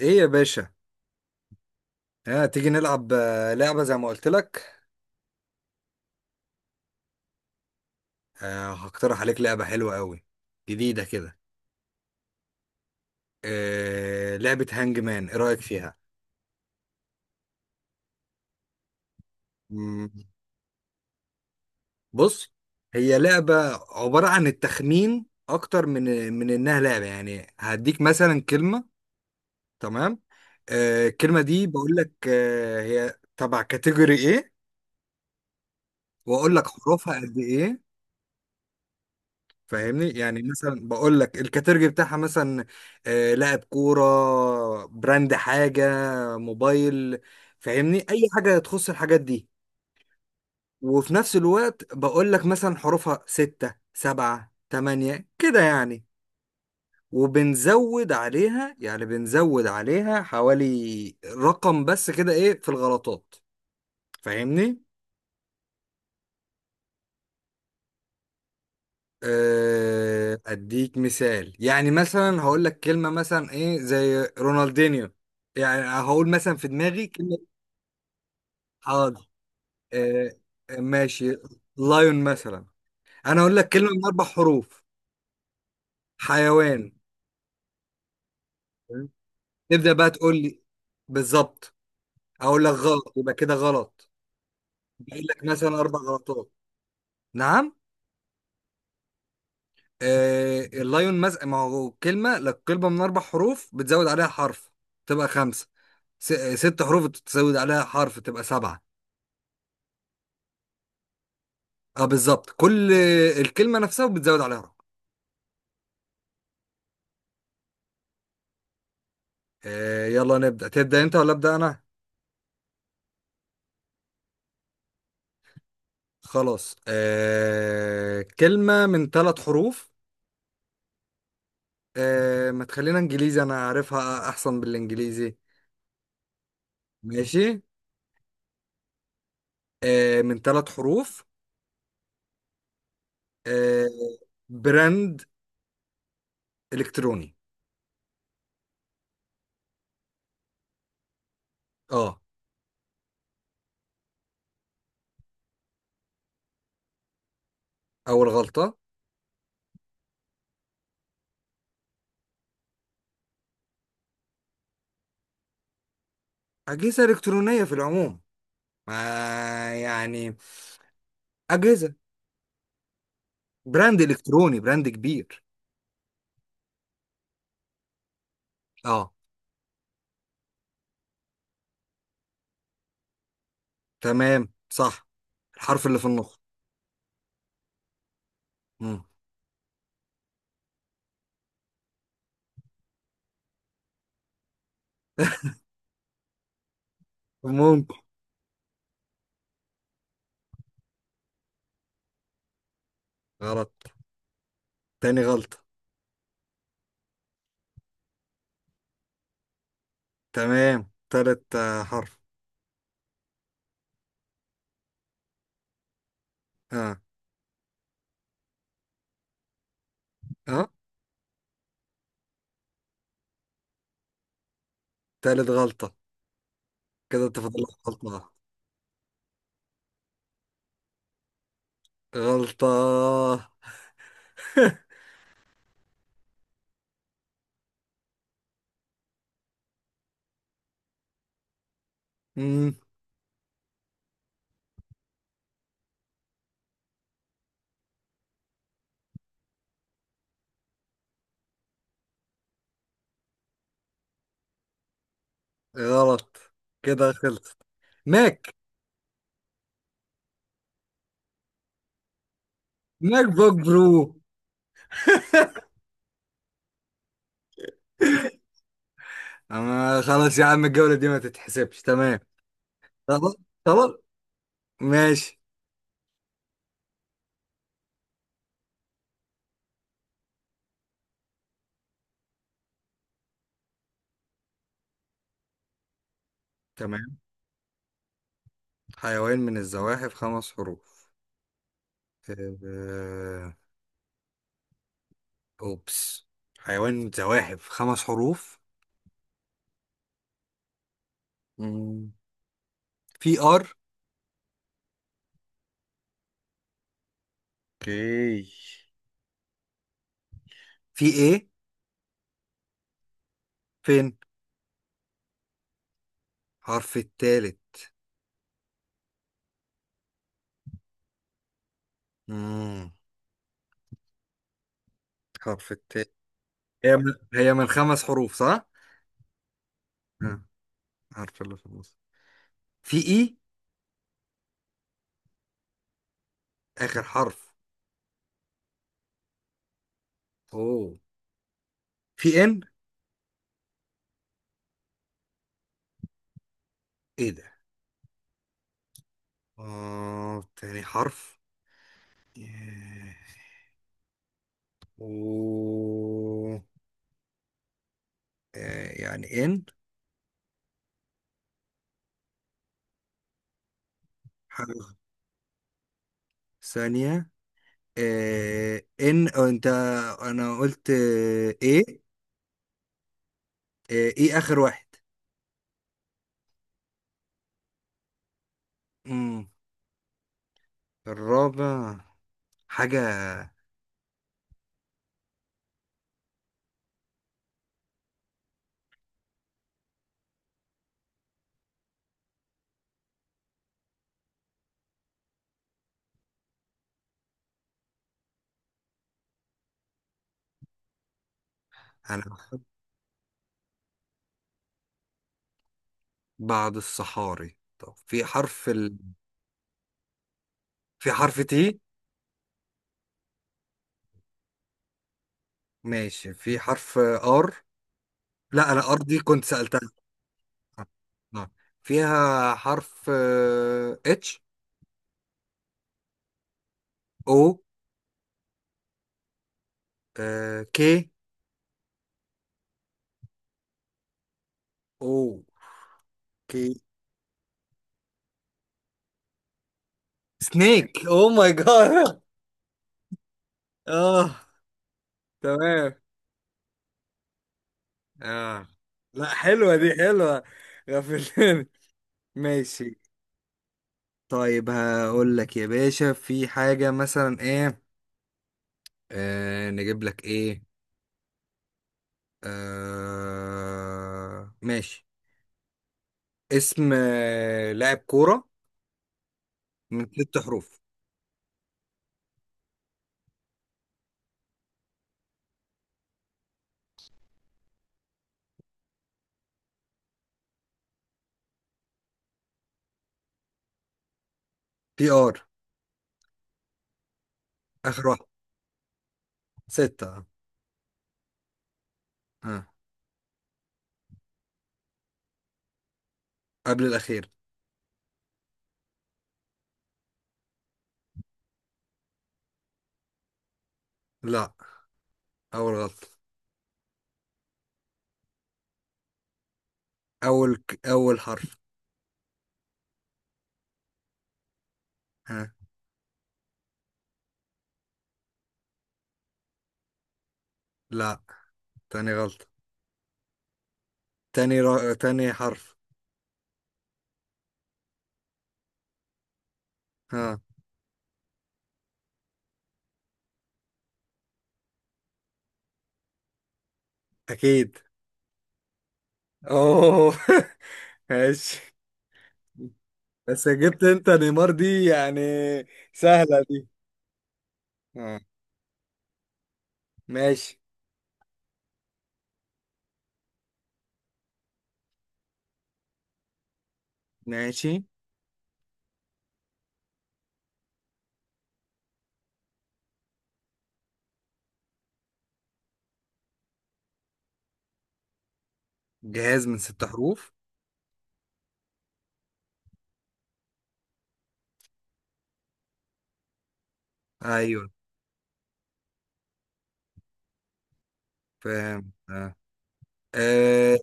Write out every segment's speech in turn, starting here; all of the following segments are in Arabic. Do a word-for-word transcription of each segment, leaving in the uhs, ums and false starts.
ايه يا باشا؟ آه تيجي نلعب آه، لعبة زي ما قلت لك. آه هقترح عليك لعبة حلوة قوي، جديدة كده. آه لعبة هانج مان، ايه رأيك فيها؟ مم. بص، هي لعبة عبارة عن التخمين اكتر من من انها لعبة، يعني هديك مثلا كلمة. تمام. آه الكلمة دي بقول لك آه هي تبع كاتيجوري ايه، واقول لك حروفها قد ايه. فاهمني؟ يعني مثلا بقول لك الكاتيرجي بتاعها مثلا، آه، لاعب كورة، براند، حاجة موبايل. فاهمني؟ اي حاجة تخص الحاجات دي. وفي نفس الوقت بقول لك مثلا حروفها ستة سبعة تمانية كده يعني، وبنزود عليها، يعني بنزود عليها حوالي رقم بس كده، ايه في الغلطات. فاهمني؟ آه، اديك مثال، يعني مثلا هقول لك كلمه مثلا ايه زي رونالدينيو، يعني هقول مثلا في دماغي كلمه. حاضر. آه، آه، ماشي. لايون مثلا، انا اقول لك كلمه من اربع حروف، حيوان. تبدا بقى تقول لي، بالظبط. اقول لك غلط يبقى كده غلط. بقول لك مثلا اربع غلطات. نعم. آه اللايون، مز ما هو كلمة لك كلمة من أربع حروف، بتزود عليها حرف تبقى خمسة. س... آه، ست حروف بتزود عليها حرف تبقى سبعة. اه، بالظبط. كل الكلمة نفسها بتزود عليها حرف. آه يلا نبدأ، تبدأ أنت ولا أبدأ أنا؟ خلاص. آه كلمة من ثلاث حروف. آه ما تخلينا إنجليزي، أنا عارفها أحسن بالإنجليزي. ماشي. آه من ثلاث حروف. آه براند إلكتروني. اه. أول غلطة. أجهزة إلكترونية في العموم، ما يعني أجهزة، براند إلكتروني، براند كبير. اه، تمام، صح. الحرف اللي في النص. مم. ممكن. غلط، تاني غلطة. تمام، تالت، آه، حرف. اه، اه، تالت غلطة. كده انت فاضل لك غلطة واحدة. غلطة. مم. غلط، كده خلصت. ماك. ماك بوك برو. أما خلاص يا عم، الجولة دي ما تتحسبش. تمام، خلاص، خلاص، ماشي. تمام. حيوان من الزواحف خمس حروف. آه، أوبس. حيوان من الزواحف خمس حروف. مم. في آر. اوكي. في إيه، فين، حرف التالت. مم. حرف التالت. هي من, هي من خمس حروف صح؟ آه، عارف اللي في النص. في إي، آخر حرف. أوه. في إن. إيه ده؟ آه تاني حرف. آه، أوه. آه، يعني إن. ثانية. آه ان أو انت. انا قلت آه، ايه. آه، ايه اخر واحد. امم الرابع، حاجة. انا بعد الصحاري، طب في حرف ال... في حرف تي. ماشي، في حرف ار، لا انا ار دي كنت سألتها. آه. فيها حرف اتش. او كي، او كي. سنيك او ماي جاد. اه، تمام. اه. لا، حلوة دي حلوة، غفلتني. ماشي. طيب هقول لك يا باشا، في حاجة مثلا ايه، آه نجيب لك ايه، آه ماشي، اسم آه لاعب كورة من ست حروف. بي ار، اخر واحد، ستة اه. آه. قبل الاخير. لا، اول غلطة. اول ك... اول حرف. ها. لا، تاني غلطة. تاني را... تاني حرف. ها. اكيد. اوه. ماشي. بس جبت انت نيمار دي يعني سهلة دي. اه، ماشي. ماشي، جهاز من ست حروف. ايوه، فاهم، اه. آه.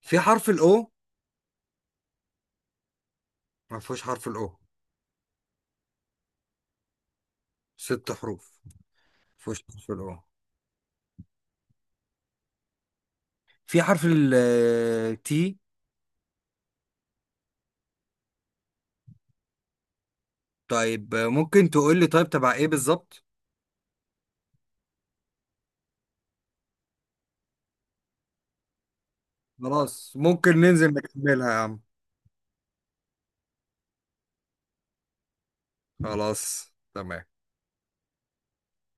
في حرف الاو. ما فيهوش حرف الاو، ست حروف ما فيهوش حرف الاو. في حرف التي. طيب آه، ممكن تقول لي طيب تبع ايه بالظبط. خلاص ممكن ننزل نكملها يا عم. خلاص، تمام.